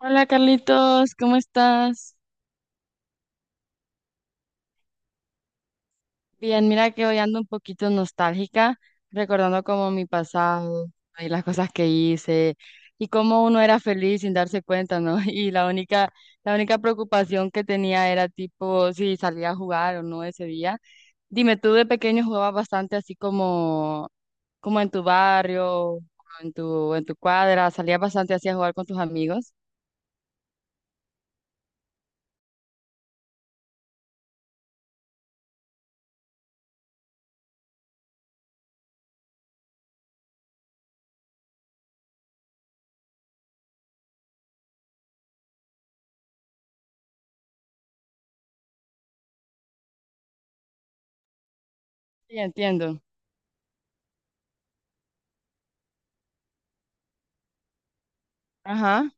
Hola Carlitos, ¿cómo estás? Bien, mira que hoy ando un poquito nostálgica, recordando como mi pasado y las cosas que hice y cómo uno era feliz sin darse cuenta, ¿no? Y la única preocupación que tenía era tipo si salía a jugar o no ese día. Dime, tú de pequeño jugabas bastante así como, como en tu barrio, o en tu cuadra, salías bastante así a jugar con tus amigos. Sí, entiendo. Ajá.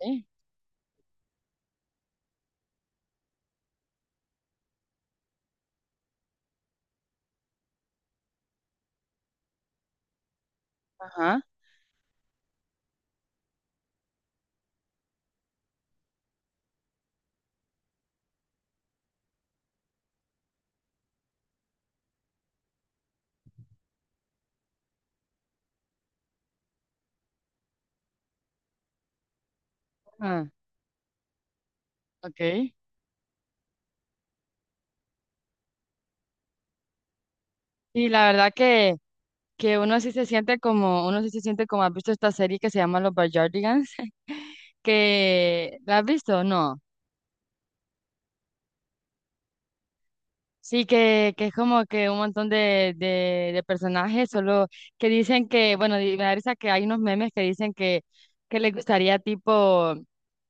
Sí. Ajá. Ajá. Ok. Y la verdad que uno sí se siente como, uno sí se siente como, ¿has visto esta serie que se llama Los Backyardigans? Que, ¿la has visto? No. Sí, que es como que un montón de personajes, solo que dicen que, bueno, me da risa que hay unos memes que dicen que les gustaría tipo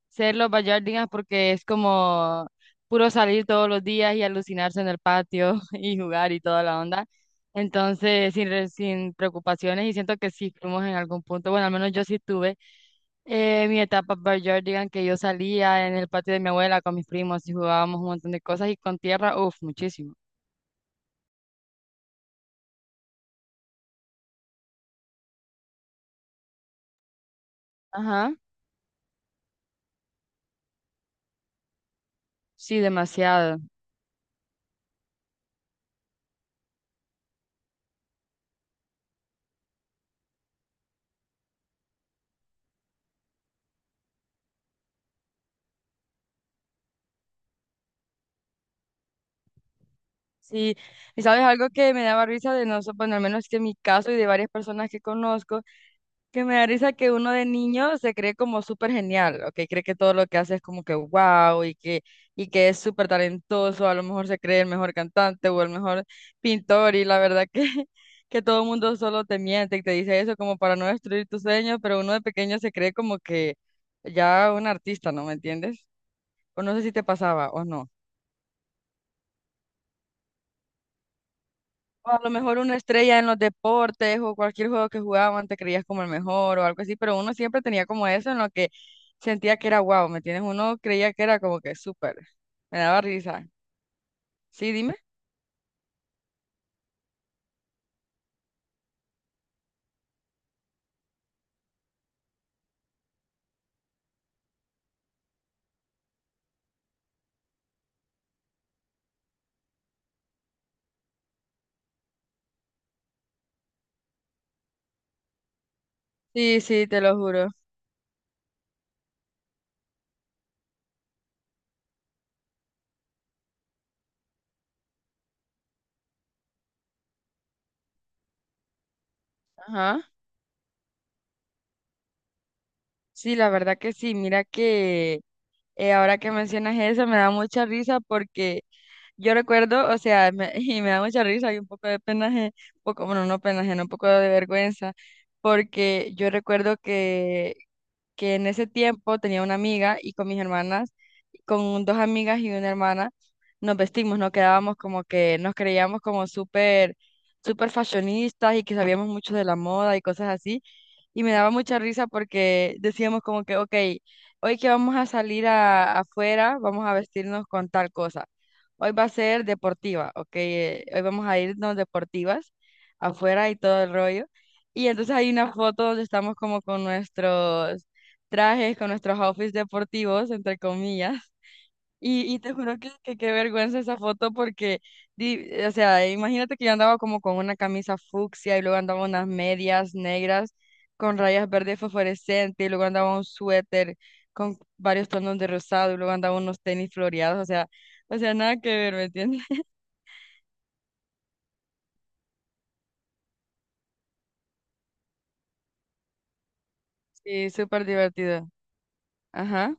ser los Bayardinas porque es como puro salir todos los días y alucinarse en el patio y jugar y toda la onda. Entonces, sin preocupaciones y siento que sí fuimos en algún punto, bueno, al menos yo sí tuve mi etapa digan que yo salía en el patio de mi abuela con mis primos y jugábamos un montón de cosas y con tierra, uff, muchísimo. Ajá, sí, demasiado. Sí, y sabes algo que me daba risa de nosotros, bueno, al menos que en mi caso y de varias personas que conozco, que me da risa que uno de niño se cree como súper genial, ¿ok? Cree que todo lo que hace es como que wow y que es súper talentoso, a lo mejor se cree el mejor cantante o el mejor pintor y la verdad que, que todo el mundo solo te miente y te dice eso como para no destruir tus sueños, pero uno de pequeño se cree como que ya un artista, ¿no? ¿Me entiendes? O no sé si te pasaba o no. O a lo mejor una estrella en los deportes o cualquier juego que jugaban te creías como el mejor o algo así, pero uno siempre tenía como eso en lo que sentía que era guau, ¿me entiendes? Uno creía que era como que súper. Me daba risa. Sí, dime. Sí, sí, te lo juro. Ajá. Sí, la verdad que sí. Mira que ahora que mencionas eso me da mucha risa porque yo recuerdo, o sea, y me da mucha risa y un poco de penaje, poco, bueno, no penaje, no, un poco de vergüenza, porque yo recuerdo que en ese tiempo tenía una amiga y con mis hermanas, con dos amigas y una hermana, nos vestimos, nos quedábamos como que nos creíamos como súper, súper fashionistas y que sabíamos mucho de la moda y cosas así y me daba mucha risa porque decíamos como que, ok, hoy que vamos a salir afuera, vamos a vestirnos con tal cosa. Hoy va a ser deportiva, ok, hoy vamos a irnos deportivas afuera y todo el rollo. Y entonces hay una foto donde estamos como con nuestros trajes, con nuestros outfits deportivos, entre comillas. Y te juro que qué vergüenza esa foto porque, o sea, imagínate que yo andaba como con una camisa fucsia y luego andaba unas medias negras con rayas verdes fosforescentes y luego andaba un suéter con varios tonos de rosado y luego andaba unos tenis floreados, o sea, nada que ver, ¿me entiendes? Sí, súper divertido. Ajá,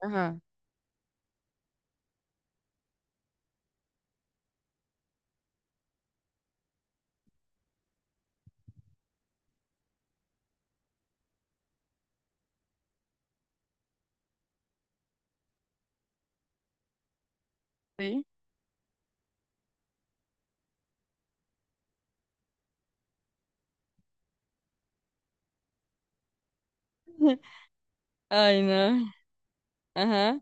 ajá, sí. Ay, no. Ajá,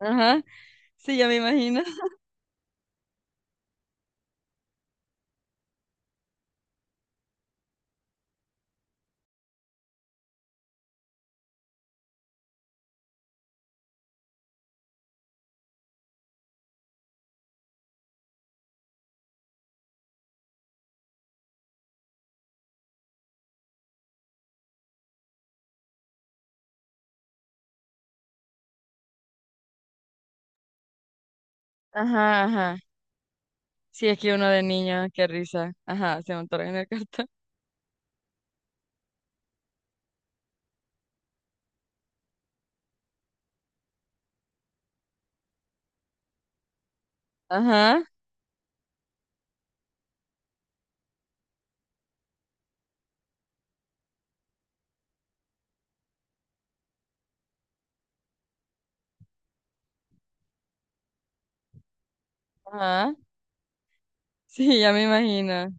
ajá, sí, ya me imagino. Ajá, ajá. Sí, es que uno de niño, qué risa. Ajá, se me en el cartón. Ajá, ajá. Sí, ya me imagino.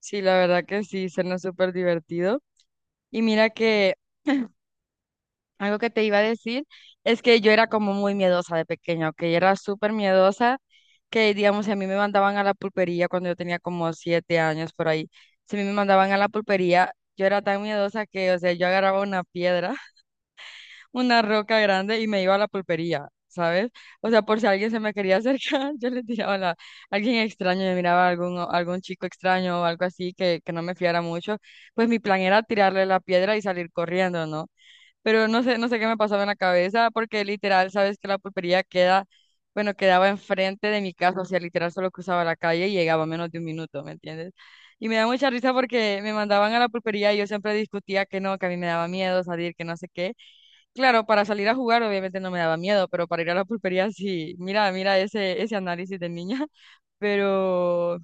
Sí, la verdad que sí, suena súper divertido. Y mira que algo que te iba a decir es que yo era como muy miedosa de pequeña, que era súper miedosa, que digamos, si a mí me mandaban a la pulpería cuando yo tenía como 7 años por ahí, si a mí me mandaban a la pulpería, yo era tan miedosa que, o sea, yo agarraba una piedra una roca grande y me iba a la pulpería, ¿sabes? O sea, por si alguien se me quería acercar, yo le tiraba la, alguien extraño, yo miraba algún, algún chico extraño o algo así que no me fiara mucho, pues mi plan era tirarle la piedra y salir corriendo, ¿no? Pero no sé, no sé qué me pasaba en la cabeza, porque literal, sabes que la pulpería queda, bueno, quedaba enfrente de mi casa, o sea, literal solo cruzaba la calle y llegaba en menos de un minuto, ¿me entiendes? Y me da mucha risa porque me mandaban a la pulpería y yo siempre discutía que no, que a mí me daba miedo salir, que no sé qué. Claro, para salir a jugar obviamente no me daba miedo, pero para ir a la pulpería sí, mira, mira ese, ese análisis de niña, pero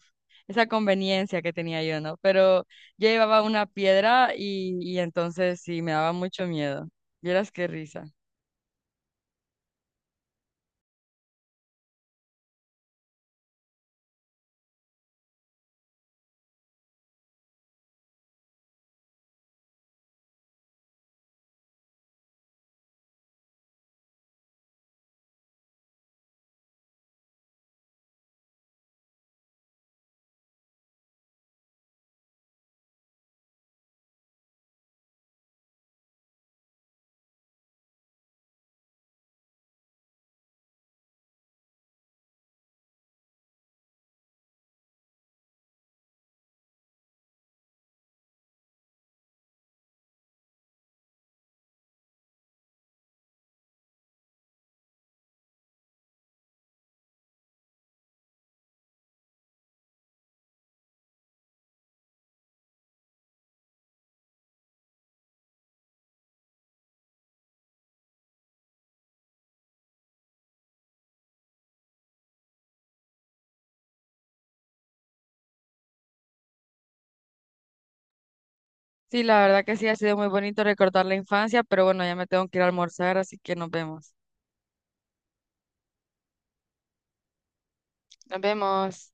esa conveniencia que tenía yo, ¿no? Pero yo llevaba una piedra y entonces sí, me daba mucho miedo. Vieras qué risa. Sí, la verdad que sí, ha sido muy bonito recordar la infancia, pero bueno, ya me tengo que ir a almorzar, así que nos vemos. Nos vemos.